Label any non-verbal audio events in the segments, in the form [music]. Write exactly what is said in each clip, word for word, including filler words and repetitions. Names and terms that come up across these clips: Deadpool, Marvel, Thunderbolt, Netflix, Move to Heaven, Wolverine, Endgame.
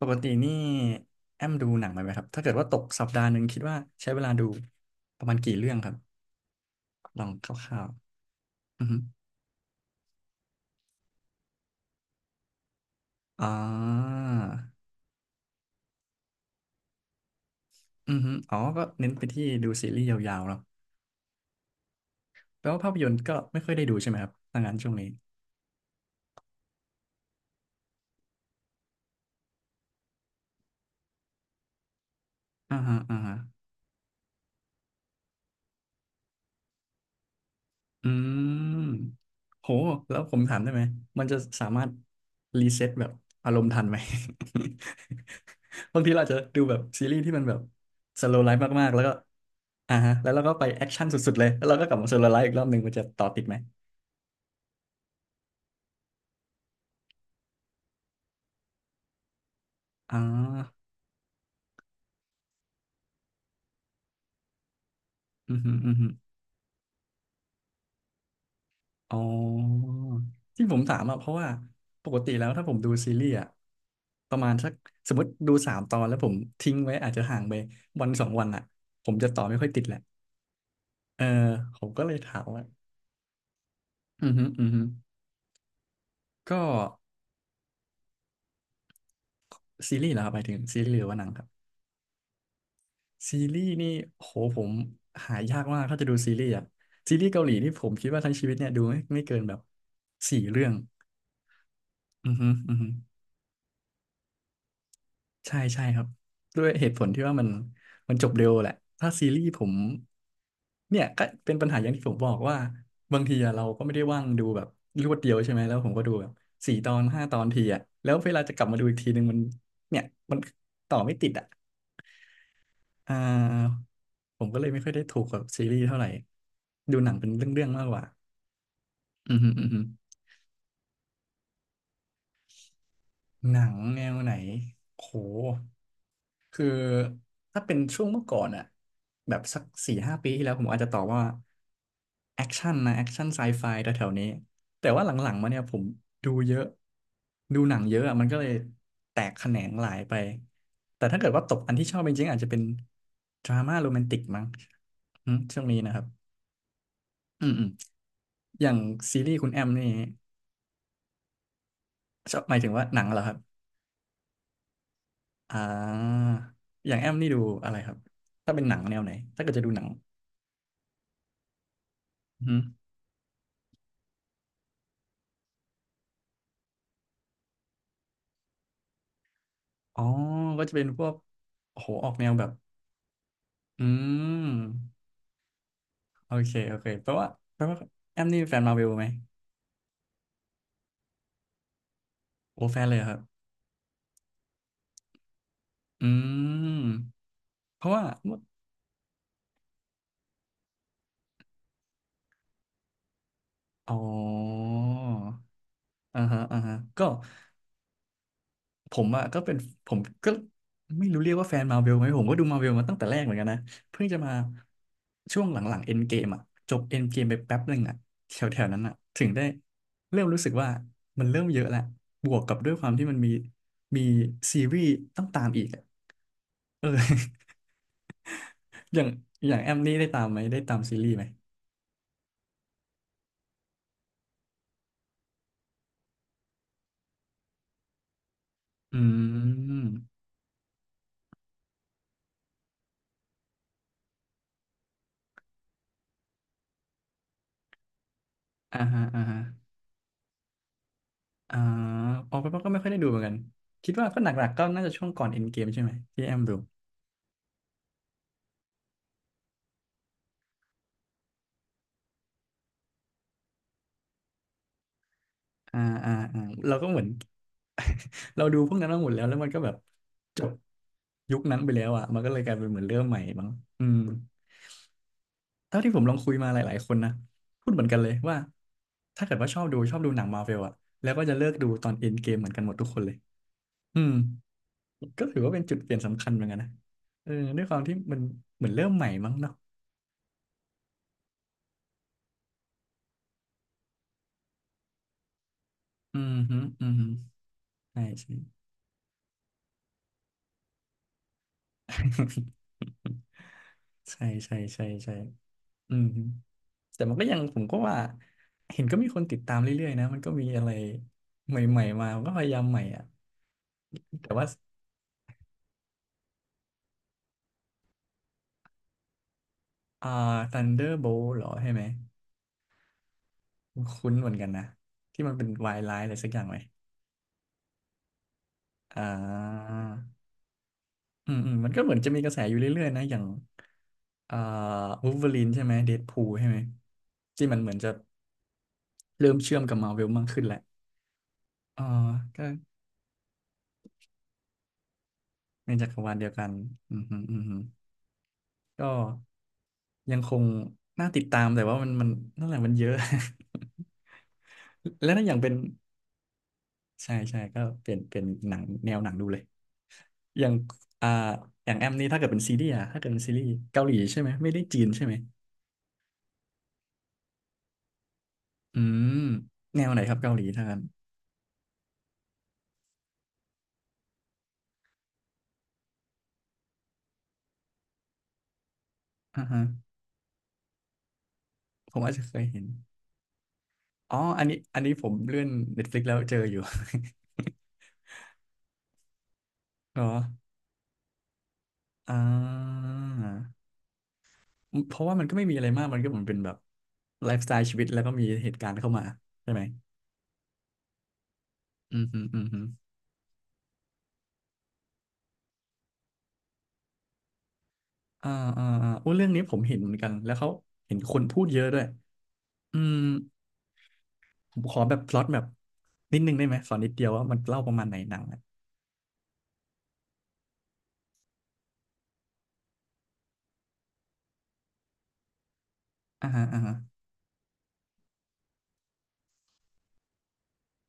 ปกตินี่แอมดูหนังไหมไหมครับถ้าเกิดว่าตกสัปดาห์หนึ่งคิดว่าใช้เวลาดูประมาณกี่เรื่องครับลองคร่าวๆอือฮึอ่าอือฮึอ๋อก็เน้นไปที่ดูซีรีส์ยาวๆเนาะแปลว่าภาพยนตร์ก็ไม่ค่อยได้ดูใช่ไหมครับถ้างั้นช่วงนี้อ่าฮะอ่าฮะ อืมโหแล้วผมถามได้ไหมมันจะสามารถรีเซ็ตแบบอารมณ์ทันไหม [laughs] บางทีเราอาจจะดูแบบซีรีส์ที่มันแบบสโล w l ไลฟ์มากๆแล้วก็อ่าฮะแล้วเราก็ไปแอคชั่นสุดๆเลยแล้วเราก็กลับมาสโล w l ไลฟ์อีกรอบหนึ่งมันจะต่อติดไหมอ่าอืมฮึอืมฮึอ๋อที่ผมถามอ่ะเพราะว่าปกติแล้วถ้าผมดูซีรีส์อ่ะประมาณสักสมมติดูสามตอนแล้วผมทิ้งไว้อาจจะห่างไปวันสองวันอ่ะผมจะต่อไม่ค่อยติดแหละ เออผมก็เลยถามว่าอือฮึอือฮึก็ซีรีส์เหรอครับหมายถึงซีรีส์หรือว่าหนังครับซีรีส์นี่โหผมหายากมากถ้าจะดูซีรีส์อะซีรีส์เกาหลีนี่ผมคิดว่าทั้งชีวิตเนี่ยดูไม่ไม่เกินแบบสี่เรื่องอือฮึอือฮึ ใช่ใช่ครับด้วยเหตุผลที่ว่ามันมันจบเร็วแหละถ้าซีรีส์ผมเนี่ยก็เป็นปัญหาอย่างที่ผมบอกว่าบางทีอะเราก็ไม่ได้ว่างดูแบบรวดเดียวใช่ไหมแล้วผมก็ดูแบบสี่ตอนห้าตอนทีอะแล้วเวลาจะกลับมาดูอีกทีนึงมันเนี่ยมันต่อไม่ติดอะอ่าผมก็เลยไม่ค่อยได้ถูกกับซีรีส์เท่าไหร่ดูหนังเป็นเรื่องๆมากกว่าอืมฮึอืมฮึ หนังแนวไหนโหคือถ้าเป็นช่วงเมื่อก่อนอะแบบสักสี่ห้าปีที่แล้วผมอาจจะตอบว่าแอคชั่นนะแอคชั่นไซไฟแถวๆนี้แต่ว่าหลังๆมาเนี่ยผมดูเยอะดูหนังเยอะอะมันก็เลยแตกแขนงหลายไปแต่ถ้าเกิดว่าตกอันที่ชอบจริงๆอาจจะเป็นดราม่าโรแมนติกมั้งอืมช่วงนี้นะครับอืมอืมอย่างซีรีส์คุณแอมนี่ชอบหมายถึงว่าหนังเหรอครับ อ่า อย่างแอมนี่ดูอะไรครับ ถ้าเป็นหนังแนวไหน ถ้าเกิดจะดูหนังอือหืออ๋อก็จะเป็นพวกโอ้โหออกแนวแบบ อืม โอเค โอเคแปลว่าแปลว่าแอมนี่เป็นแฟนมาร์เวลไหม โอ้แฟนเลยเหรอครับ อืม เพราะว่าเมื่ออ๋ออ่าฮะอ่าฮะ ก็ ผมอ่ะก็เป็นผมก็ไม่รู้เรียกว่าแฟนมาเวลไหมผมก็ดูมาเวลมาตั้งแต่แรกเหมือนกันนะเพิ่งจะมาช่วงหลังๆเอ็นเกมอ่ะจบเอ็นเกมไปแป๊บหนึ่งอ่ะแถวๆนั้นอ่ะถึงได้เริ่มรู้สึกว่ามันเริ่มเยอะแล้วบวกกับด้วยความที่มันมีมีซีรีส์ต้องตามอีกอะเอออย่างอย่างแอมนี่ได้ตามไหมได้ตามซีรีส์ไหมอืมอ่าฮะอ่าฮะอ่าออกไปก็ไม่ค่อยได้ดูเหมือนกันคิดว่าก็หนักๆก็น่าจะช่วงก่อนเอ็นเกมใช่ไหมที่แอมดูอ่าอ่าอ่าเราก็เหมือน เราดูพวกนั้นมาหมดแล้วแล้วมันก็แบบจบยุคนั้นไปแล้วอ่ะมันก็เลยกลายเป็นเหมือนเริ่มใหม่มั้งอืมเท่าที่ผมลองคุยมาหลายๆคนนะพูดเหมือนกันเลยว่าถ้าเกิดว่าชอบดูชอบดูหนังมาร์เวลอ่ะแล้วก็จะเลิกดูตอนเอ็นเกมเหมือนกันหมดทุกคนเลยอืมก็ถือว่าเป็นจุดเปลี่ยนสำคัญเหมือนกันนะเออด้วยความที่มันเหมือนเริ่มใหม่มั้งเนาะอืมฮึอืมฮึใช่ใช่ [laughs] ใช่ใช่ใช่ใช่อืมฮึ แต่มันก็ยังผมก็ว่าเห็นก็มีคนติดตามเรื่อยๆนะมันก็มีอะไรใหม่ๆมามันก็พยายามใหม่อ่ะแต่ว่าอ่า Thunderbolt เหรอใช่ไหมคุ้นเหมือนกันนะที่มันเป็นวายร้ายอะไรสักอย่างไหมอ่าอืมอืมมันก็เหมือนจะมีกระแสอยู่เรื่อยๆนะอย่างอ่าวูล์ฟเวอรีนใช่ไหมเดดพูลใช่ไหมที่มันเหมือนจะเริ่มเชื่อมกับมาเวลมากขึ้นแหละอ่าก็ในจักรวาลเดียวกันอืมฮึอืมฮึก็ยังคงน่าติดตามแต่ว่ามันมันนั่นแหละมันเยอะ [laughs] แล้วนั่นอย่างเป็นใช่ใช่ก็เป็นเป็นหนังแนวหนังดูเลยอย่างอ่าอย่างแอมนี่ถ้าเกิดเป็นซีรีส์อะถ้าเกิดเป็นซีรีส์เกาหลีใช่ไหมไม่ได้จีนใช่ไหมอืมแนวไหนครับเกาหลีถ้างั้นอ่าฮะผมอาจจะเคยเห็นอ๋ออันนี้อันนี้ผมเลื่อน Netflix แล้วเจออยู่ [laughs] เหรออ่าเพราะว่ามันก็ไม่มีอะไรมากมันก็เหมือนเป็นแบบไลฟ์สไตล์ชีวิตแล้วก็มีเหตุการณ์เข้ามาใช่ไหมอืมอืมอืมอืมอ่าอ่าอ่าโอ้เรื่องนี้ผมเห็นเหมือนกันแล้วเขาเห็นคนพูดเยอะด้วย อืมผมขอแบบพล็อตแบบนิดนึงได้ไหมสอนนิดเดียวว่ามันเล่าประมาณไหนหนังอ่ะอ่าฮะอ่าฮะ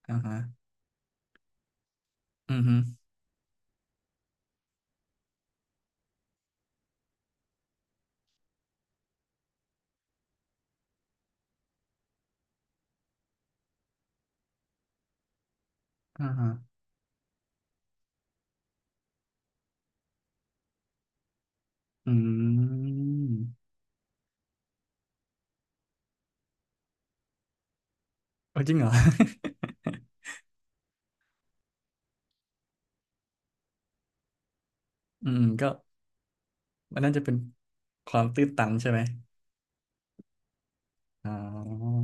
อ่าฮะอืมฮึอ่าฮะอืมเออจริงเหรอ [laughs] อืมก็มันน่าจะเป็นความตื้นตันใช่ไหมอ๋อ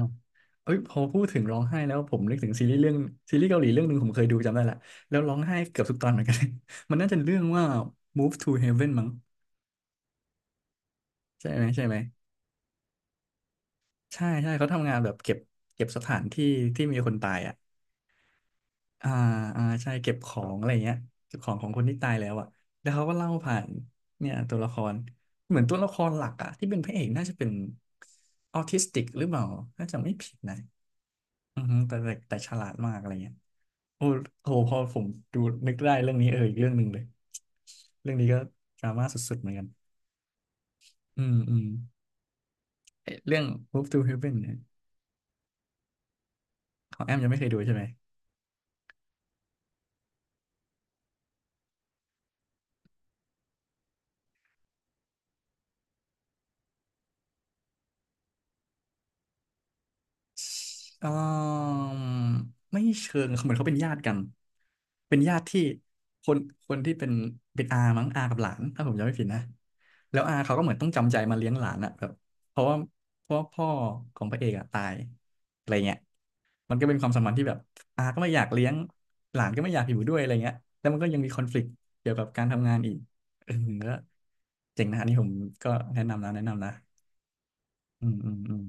เอ้ยพอพูดถึงร้องไห้แล้วผมนึกถึงซีรีส์เรื่องซีรีส์เกาหลีเรื่องหนึ่งผมเคยดูจำได้ละแล้วร้องไห้เกือบทุกตอนเหมือนกัน [laughs] มันน่าจะเรื่องว่า Move to Heaven มั้งใช่ไหมใช่ไหมใช่ใช่เขาทำงานแบบเก็บเก็บสถานที่ที่มีคนตายอ่ะ อ่าอ่าใช่เก็บของอะไรเงี้ยเก็บของของคนที่ตายแล้วอ่ะแล้วเขาก็เล่าผ่านเนี่ยตัวละครเหมือนตัวละครหลักอ่ะที่เป็นพระเอกน่าจะเป็นออทิสติกหรือเปล่าน่าจะไม่ผิดนะอือฮึแต่แต่แต่ฉลาดมากอะไรเงี้ยโอ้โหพอผมดูนึกได้เรื่องนี้เอออีกเรื่องหนึ่งเลยเรื่องนี้ก็ดราม่าสุดๆเหมือนกันอืมอืมเอ๊ะเรื่อง Move to Heaven เนี่ยของแอมยังไม่เคยดูใช่ไหม เอ่อไม่เชิงเหมือนเขาเป็นญาติกันเป็นญาติที่คนคนที่เป็นเป็นอามั้งอากับหลานถ้าผมจำไม่ผิดนะแล้วอาเขาก็เหมือนต้องจำใจมาเลี้ยงหลานอะแบบเพราะว่าเพราะว่าพ่อของพระเอกอะตายอะไรเงี้ยมันก็เป็นความสัมพันธ์ที่แบบอาก็ไม่อยากเลี้ยงหลานก็ไม่อยากอยู่ด้วยอะไรเงี้ยแล้วมันก็ยังมีคอนฟ lict เกี่ยวกับการทำงานอีกเออก็เจ๋งนะอันนี้ผมก็แนะนำนะแนะนำนะอืมอืมอืม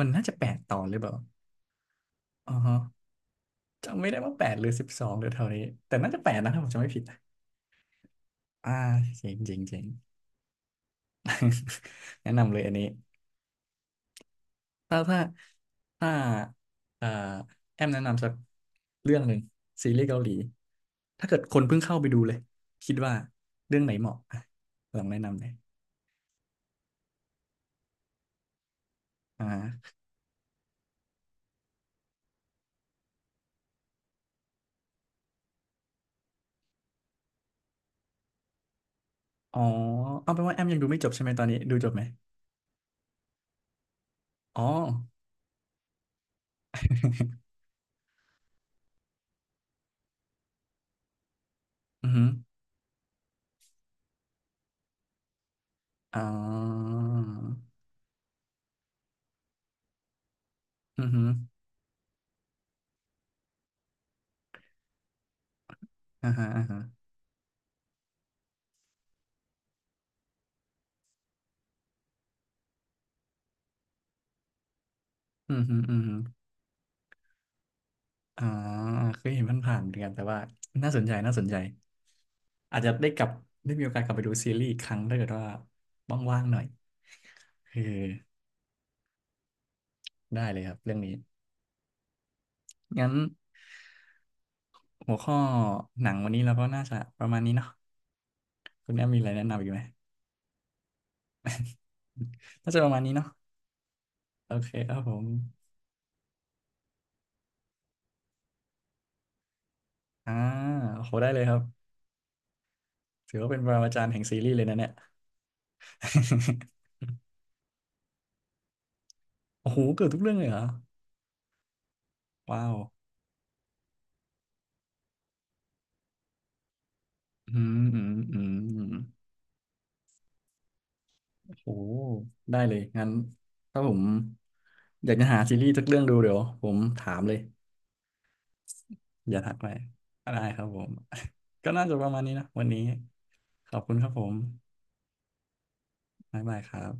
มันน่าจะแปดตอนหรือเปล่าอ๋อ จำไม่ได้ว่าแปดหรือสิบสองหรือเท่านี้แต่น่าจะแปดนะถ้าผมจำไม่ผิดนะอ่าเจ๋งเจ๋งเจ๋ง [laughs] แนะนำเลยอันนี้ถ้าถ้าถ้าเอ่อแอมแนะนำสักเรื่องหนึ่งซีรีส์เกาหลีถ้าเกิดคนเพิ่งเข้าไปดูเลยคิดว่าเรื่องไหนเหมาะอ่ะลองแนะนำเลยอ่าอ๋อเอาเป็นว่าแอมยังดูไม่จบใช่ไหมตอนนี้ดูจบไหมอ๋อ [laughs] อือหืออ๋ออือหืออ่าฮะอ่าฮะอือหืออือหือ อ่าเคยเห็นผ่านๆเหมือนกันแต่ว่าน่าสนใจน่าสนใจอาจจะได้กลับได้มีโอกาสกลับไปดูซีรีส์อีกครั้งถ้าเกิดว่าว่างๆหน่อยเออได้เลยครับเรื่องนี้งั้นหัวข้อหนังวันนี้เราก็น่าจะประมาณนี้เนาะคุณแอมมีอะไรแนะนำอีกไหม [laughs] น่าจะประมาณนี้เนาะโอเคครับผมอ่าโอ้โหได้เลยครับถือว่าเป็นปรมาจารย์แห่งซีรีส์เลยนะเนี่ย [laughs] โอ้โหเกือบทุกเรื่องเลยเหรอว้าวอืมอืมอืม โอ้ได้เลยงั้นถ้าผมอยากจะหาซีรีส์สักเรื่องดูเดี๋ยวผมถามเลยอย่าทักไปได้ครับผม [laughs] ก็น่าจะประมาณนี้นะวันนี้ขอบคุณครับผมบ๊ายบายครับ